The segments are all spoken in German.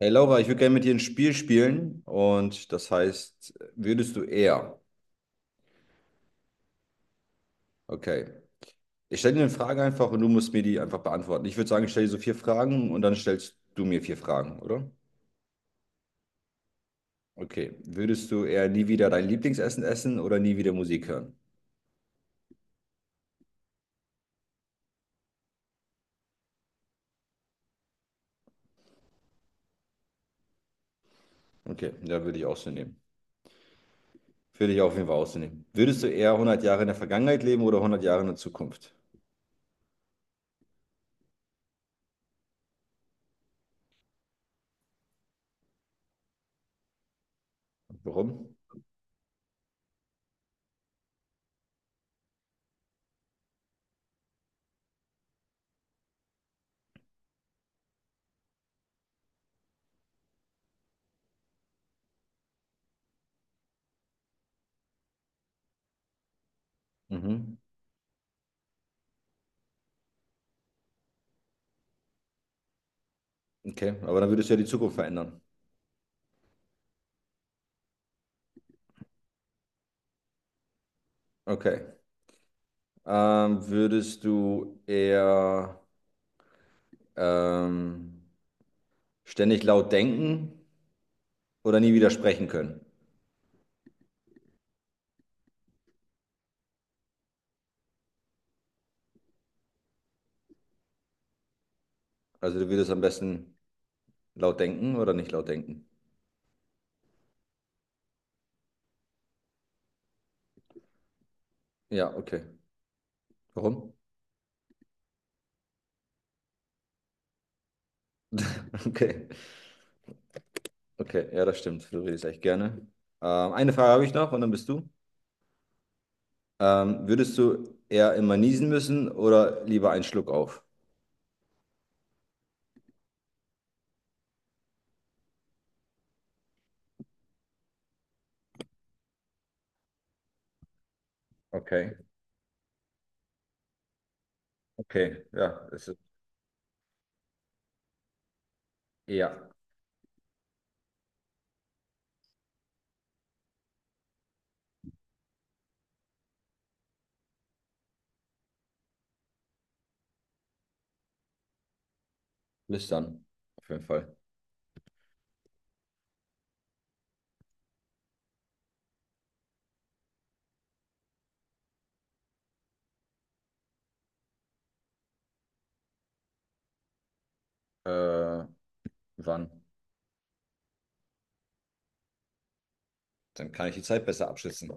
Hey Laura, ich würde gerne mit dir ein Spiel spielen und das heißt, würdest du eher? Okay. Ich stelle dir eine Frage einfach und du musst mir die einfach beantworten. Ich würde sagen, ich stelle dir so vier Fragen und dann stellst du mir vier Fragen, oder? Okay. Würdest du eher nie wieder dein Lieblingsessen essen oder nie wieder Musik hören? Okay, ja, würde ich auch so nehmen. Würde ich auf jeden Fall auch so nehmen. Würdest du eher 100 Jahre in der Vergangenheit leben oder 100 Jahre in der Zukunft? Warum? Mhm. Okay, aber dann würdest du ja die Zukunft verändern. Okay. Würdest du eher Ähm, ständig laut denken oder nie wieder sprechen können. Also du würdest am besten laut denken oder nicht laut denken. Ja, okay. Warum? Okay, okay, ja, das stimmt. Du redest echt gerne. Eine Frage habe ich noch und dann bist du. Würdest du eher immer niesen müssen oder lieber einen Schluck auf? Okay, okay, ja, es ist eher lüstern, auf jeden Fall. Äh, wann? Dann kann ich die Zeit besser abschätzen.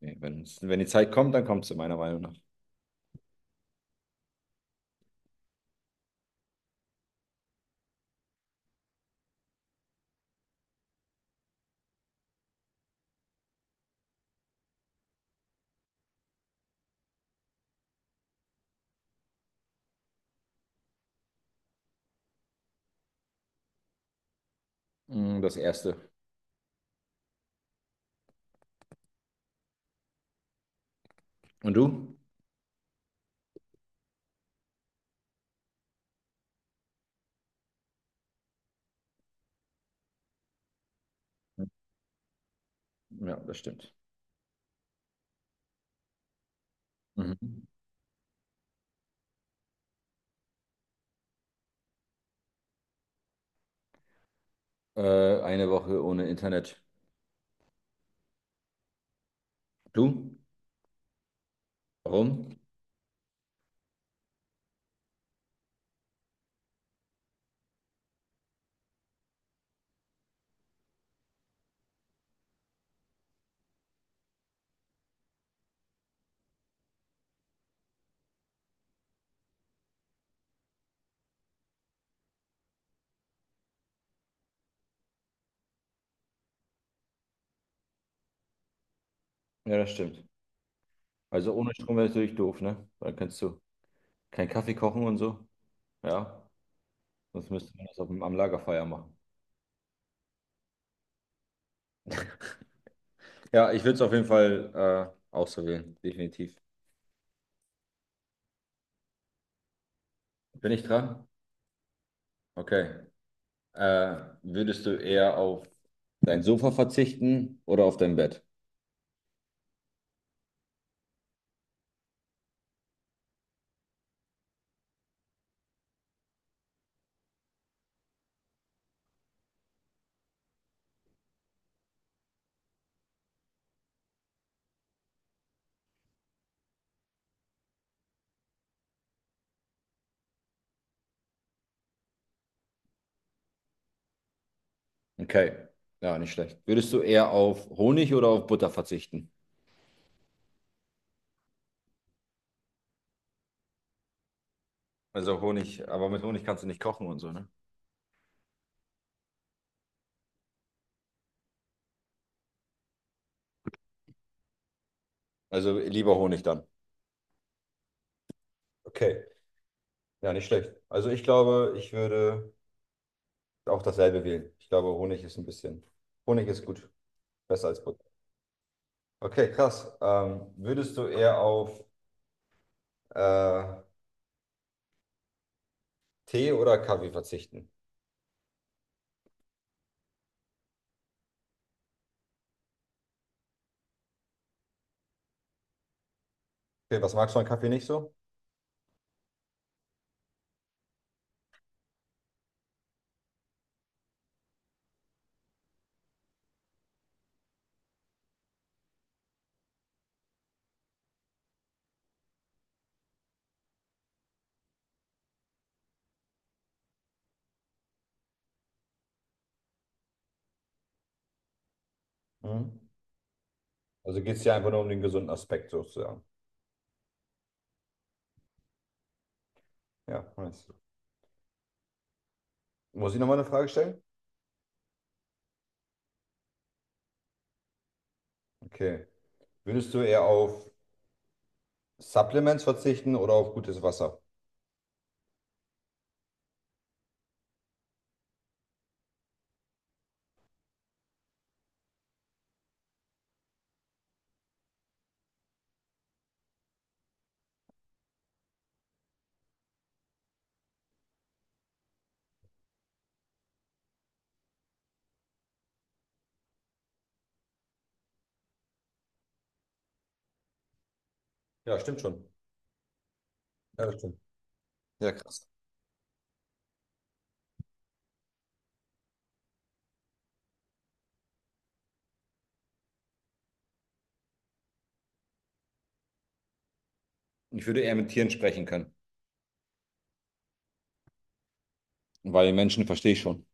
Nee, wenn die Zeit kommt, dann kommt sie meiner Meinung nach. Das erste. Und du? Ja, das stimmt. Mhm. Eine Woche ohne Internet. Du? Warum? Ja, das stimmt. Also ohne Strom wäre natürlich doof, ne? Dann kannst du keinen Kaffee kochen und so. Ja, sonst müsste man das am Lagerfeuer machen. Ja, ich würde es auf jeden Fall auch so wählen, definitiv. Bin ich dran? Okay. Äh, würdest du eher auf dein Sofa verzichten oder auf dein Bett? Okay. Ja, nicht schlecht. Würdest du eher auf Honig oder auf Butter verzichten? Also Honig, aber mit Honig kannst du nicht kochen und so, ne? Also lieber Honig dann. Okay, ja, nicht schlecht. Also ich glaube, ich würde auch dasselbe wählen. Ich glaube, Honig ist ein bisschen, Honig ist gut, besser als Butter. Okay, krass. Würdest du eher auf äh, Tee oder Kaffee verzichten? Okay, was magst du an Kaffee nicht so? Mhm. Also geht es dir einfach nur um den gesunden Aspekt sozusagen. Ja, nice. Muss ich nochmal eine Frage stellen? Okay. Würdest du eher auf Supplements verzichten oder auf gutes Wasser? Ja, stimmt schon. Ja, das stimmt. Ja, krass. Ich würde eher mit Tieren sprechen können, weil Menschen verstehe ich schon,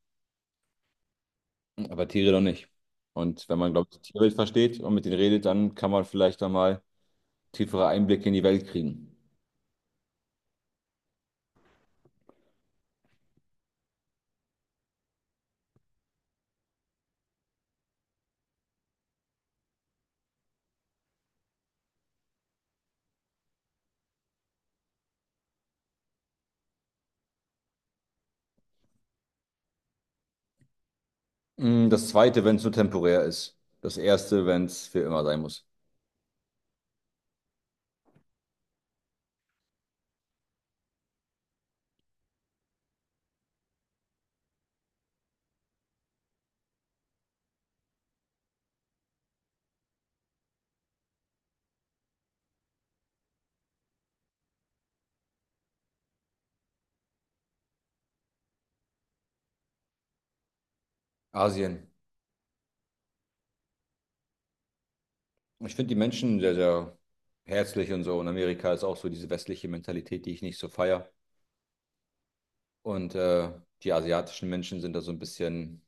aber Tiere doch nicht. Und wenn man, glaube ich, die Tierwelt versteht und mit denen redet, dann kann man vielleicht einmal tiefere Einblicke in die Welt kriegen. Das Zweite, wenn es nur temporär ist. Das Erste, wenn es für immer sein muss. Asien. Ich finde die Menschen sehr, sehr herzlich und so. Und Amerika ist auch so diese westliche Mentalität, die ich nicht so feiere. Und die asiatischen Menschen sind da so ein bisschen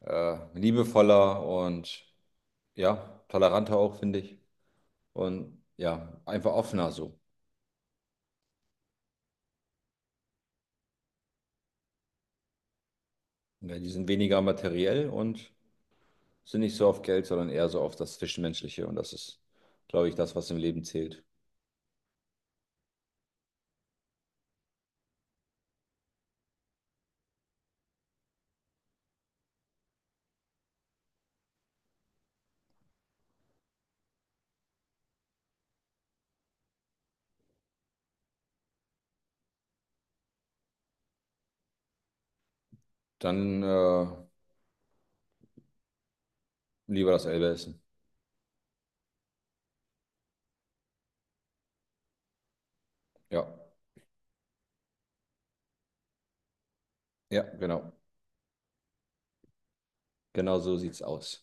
liebevoller und ja, toleranter auch, finde ich. Und ja, einfach offener so. Ja, die sind weniger materiell und sind nicht so auf Geld, sondern eher so auf das Zwischenmenschliche und das ist, glaube ich, das, was im Leben zählt. Dann lieber das Elbe essen. Ja, ja, genau. Genau so sieht's aus.